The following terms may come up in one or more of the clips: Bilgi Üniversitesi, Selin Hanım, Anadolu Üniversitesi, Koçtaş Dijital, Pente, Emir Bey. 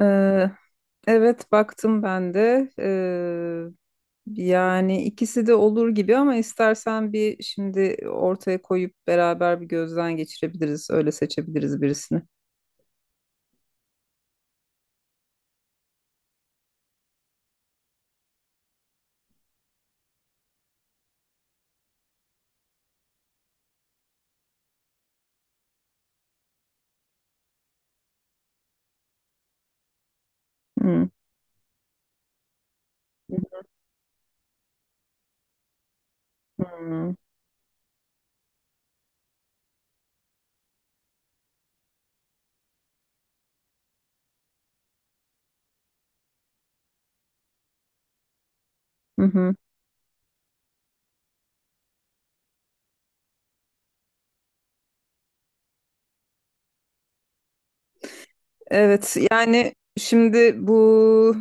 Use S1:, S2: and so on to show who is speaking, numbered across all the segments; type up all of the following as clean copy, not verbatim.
S1: Ee, evet baktım ben de. Yani ikisi de olur gibi ama istersen bir şimdi ortaya koyup beraber bir gözden geçirebiliriz. Öyle seçebiliriz birisini. Hmm. Hmm. Hı hı. Evet, yani şimdi bu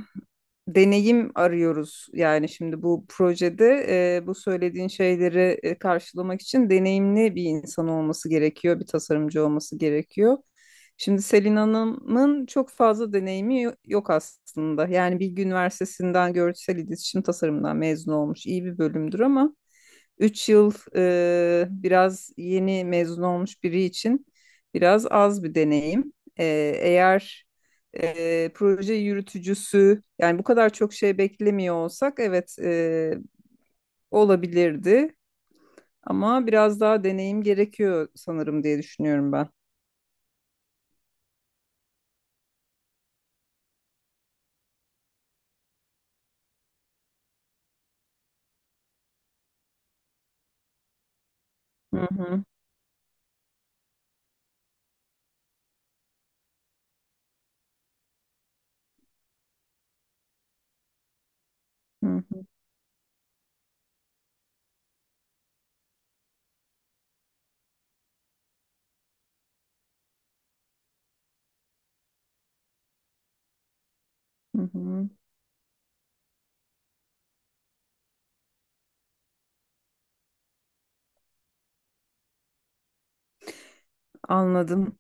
S1: deneyim arıyoruz. Yani şimdi bu projede bu söylediğin şeyleri karşılamak için deneyimli bir insan olması gerekiyor, bir tasarımcı olması gerekiyor. Şimdi Selin Hanım'ın çok fazla deneyimi yok aslında. Yani Bilgi Üniversitesi'nden görsel iletişim tasarımından mezun olmuş, iyi bir bölümdür ama üç yıl, biraz yeni mezun olmuş biri için biraz az bir deneyim. Eğer proje yürütücüsü, yani bu kadar çok şey beklemiyor olsak, evet olabilirdi ama biraz daha deneyim gerekiyor sanırım diye düşünüyorum ben. Hı hı, hı hı, hı hı. Anladım.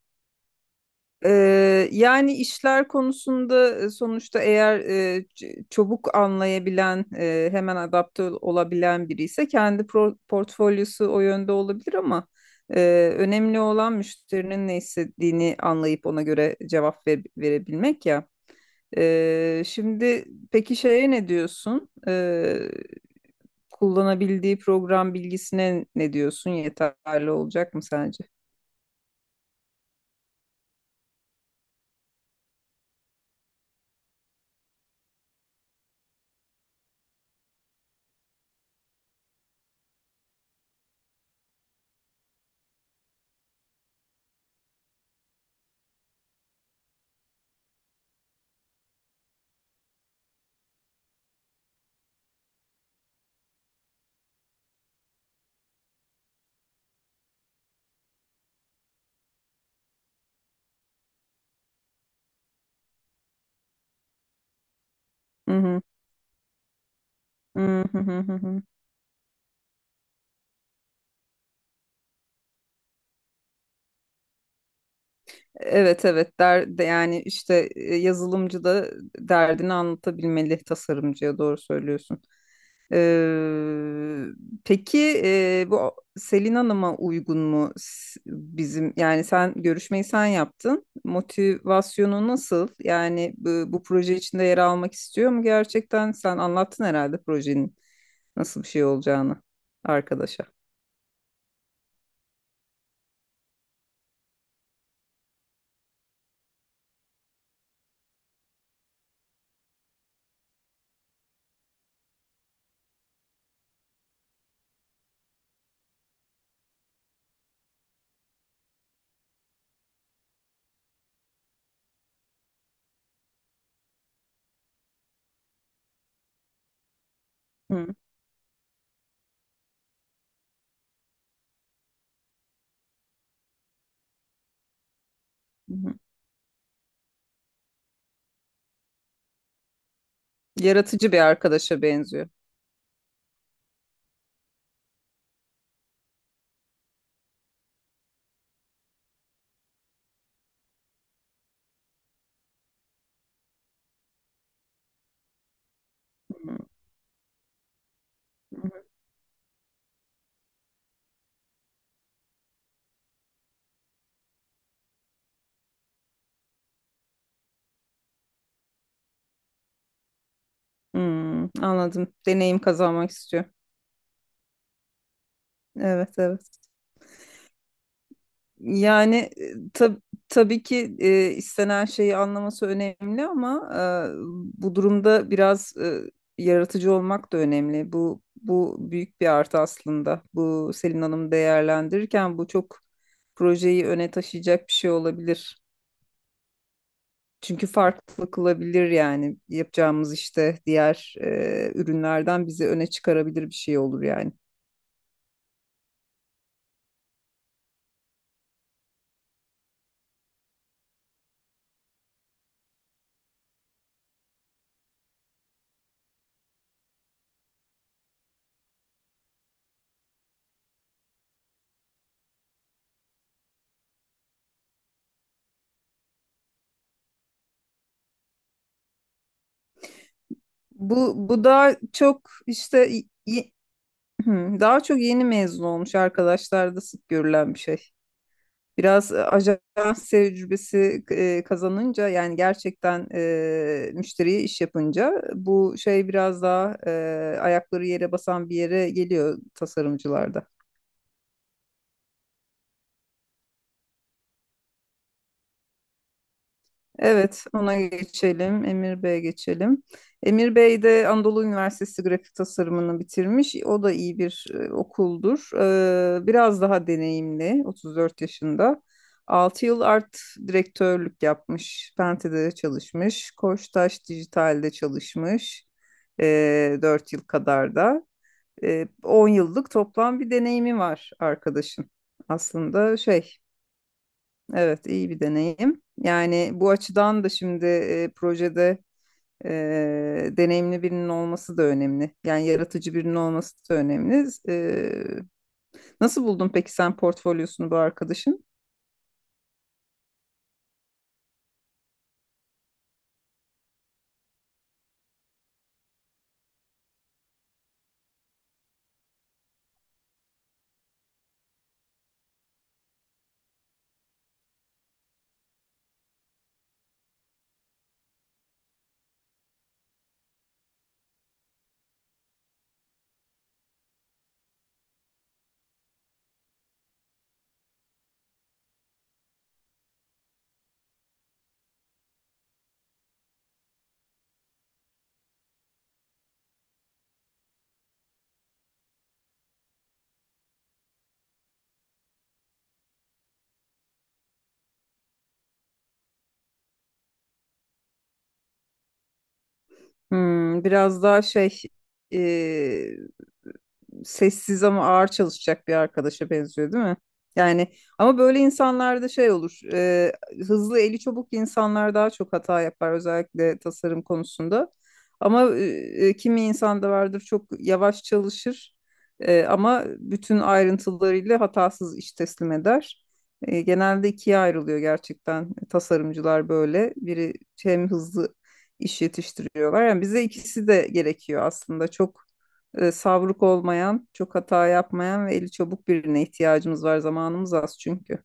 S1: Yani işler konusunda, sonuçta eğer çabuk anlayabilen, hemen adapte olabilen biri ise kendi portfolyosu o yönde olabilir ama önemli olan müşterinin ne istediğini anlayıp ona göre cevap verebilmek ya. Şimdi peki şeye ne diyorsun? Kullanabildiği program bilgisine ne diyorsun? Yeterli olacak mı sence? Hı hı. Hı hı hı hı. Evet, yani işte yazılımcı da derdini anlatabilmeli tasarımcıya, doğru söylüyorsun. Ee, peki bu Selin Hanım'a uygun mu bizim, yani sen görüşmeyi sen yaptın. Motivasyonu nasıl? Yani bu proje içinde yer almak istiyor mu gerçekten? Sen anlattın herhalde projenin nasıl bir şey olacağını arkadaşa. Hı hı. Yaratıcı bir arkadaşa benziyor. Hı hı. Hmm, anladım. Deneyim kazanmak istiyor. Evet, evet. Yani tabii ki istenen şeyi anlaması önemli ama bu durumda biraz yaratıcı olmak da önemli. Bu büyük bir artı aslında. Bu Selin Hanım değerlendirirken bu çok projeyi öne taşıyacak bir şey olabilir. Çünkü farklı kılabilir, yani yapacağımız işte diğer ürünlerden bizi öne çıkarabilir bir şey olur yani. Bu daha çok işte daha çok yeni mezun olmuş arkadaşlarda sık görülen bir şey. Biraz ajans tecrübesi kazanınca, yani gerçekten müşteriye iş yapınca bu şey biraz daha ayakları yere basan bir yere geliyor tasarımcılarda. Evet, ona geçelim. Emir Bey'e geçelim. Emir Bey de Anadolu Üniversitesi grafik tasarımını bitirmiş. O da iyi bir okuldur. Biraz daha deneyimli, 34 yaşında. 6 yıl art direktörlük yapmış. Pente'de çalışmış. Koçtaş Dijital'de çalışmış. 4 yıl kadar da. 10 yıllık toplam bir deneyimi var arkadaşın. Aslında şey, Evet, iyi bir deneyim. Yani bu açıdan da şimdi projede deneyimli birinin olması da önemli. Yani yaratıcı birinin olması da önemli. Nasıl buldun peki sen portfolyosunu bu arkadaşın? Hmm, biraz daha şey, e, sessiz ama ağır çalışacak bir arkadaşa benziyor değil mi? Yani ama böyle insanlarda şey olur. Hızlı eli çabuk insanlar daha çok hata yapar, özellikle tasarım konusunda. Ama kimi insan da vardır, çok yavaş çalışır ama bütün ayrıntılarıyla hatasız iş teslim eder. Genelde ikiye ayrılıyor gerçekten tasarımcılar böyle. Biri hem hızlı iş yetiştiriyorlar. Yani bize ikisi de gerekiyor aslında. Çok savruk olmayan, çok hata yapmayan ve eli çabuk birine ihtiyacımız var. Zamanımız az çünkü.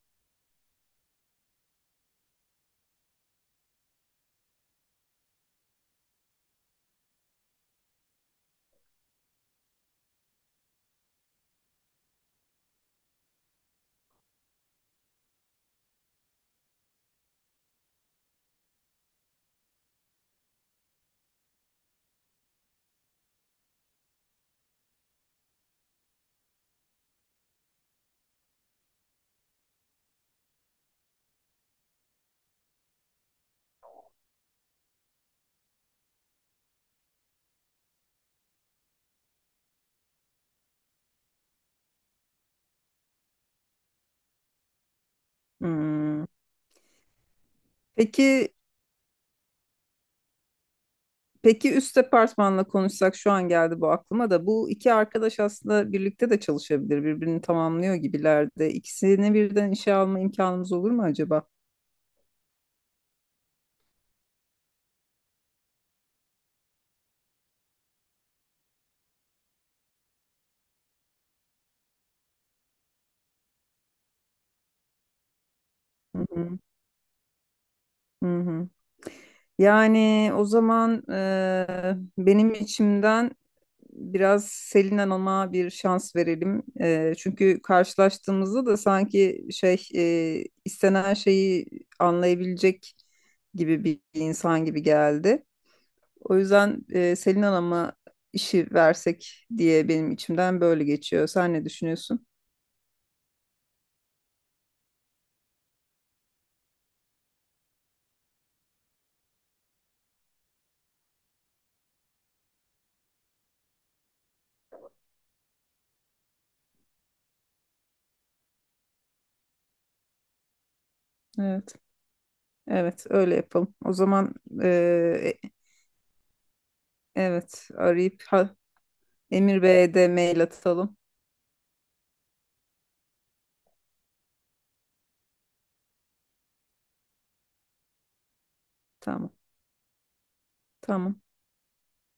S1: Hmm. Peki Peki üst departmanla konuşsak, şu an geldi bu aklıma da, bu iki arkadaş aslında birlikte de çalışabilir. Birbirini tamamlıyor gibiler de. İkisini birden işe alma imkanımız olur mu acaba? Hı hı. Hı hı. Yani o zaman benim içimden biraz Selin Hanım'a bir şans verelim. Çünkü karşılaştığımızda da sanki istenen şeyi anlayabilecek gibi bir insan gibi geldi. O yüzden Selin Hanım'a işi versek diye benim içimden böyle geçiyor. Sen ne düşünüyorsun? Evet. Evet, öyle yapalım. O zaman eee, e, evet, arayıp Emir Bey'e de mail atalım. Tamam. Tamam.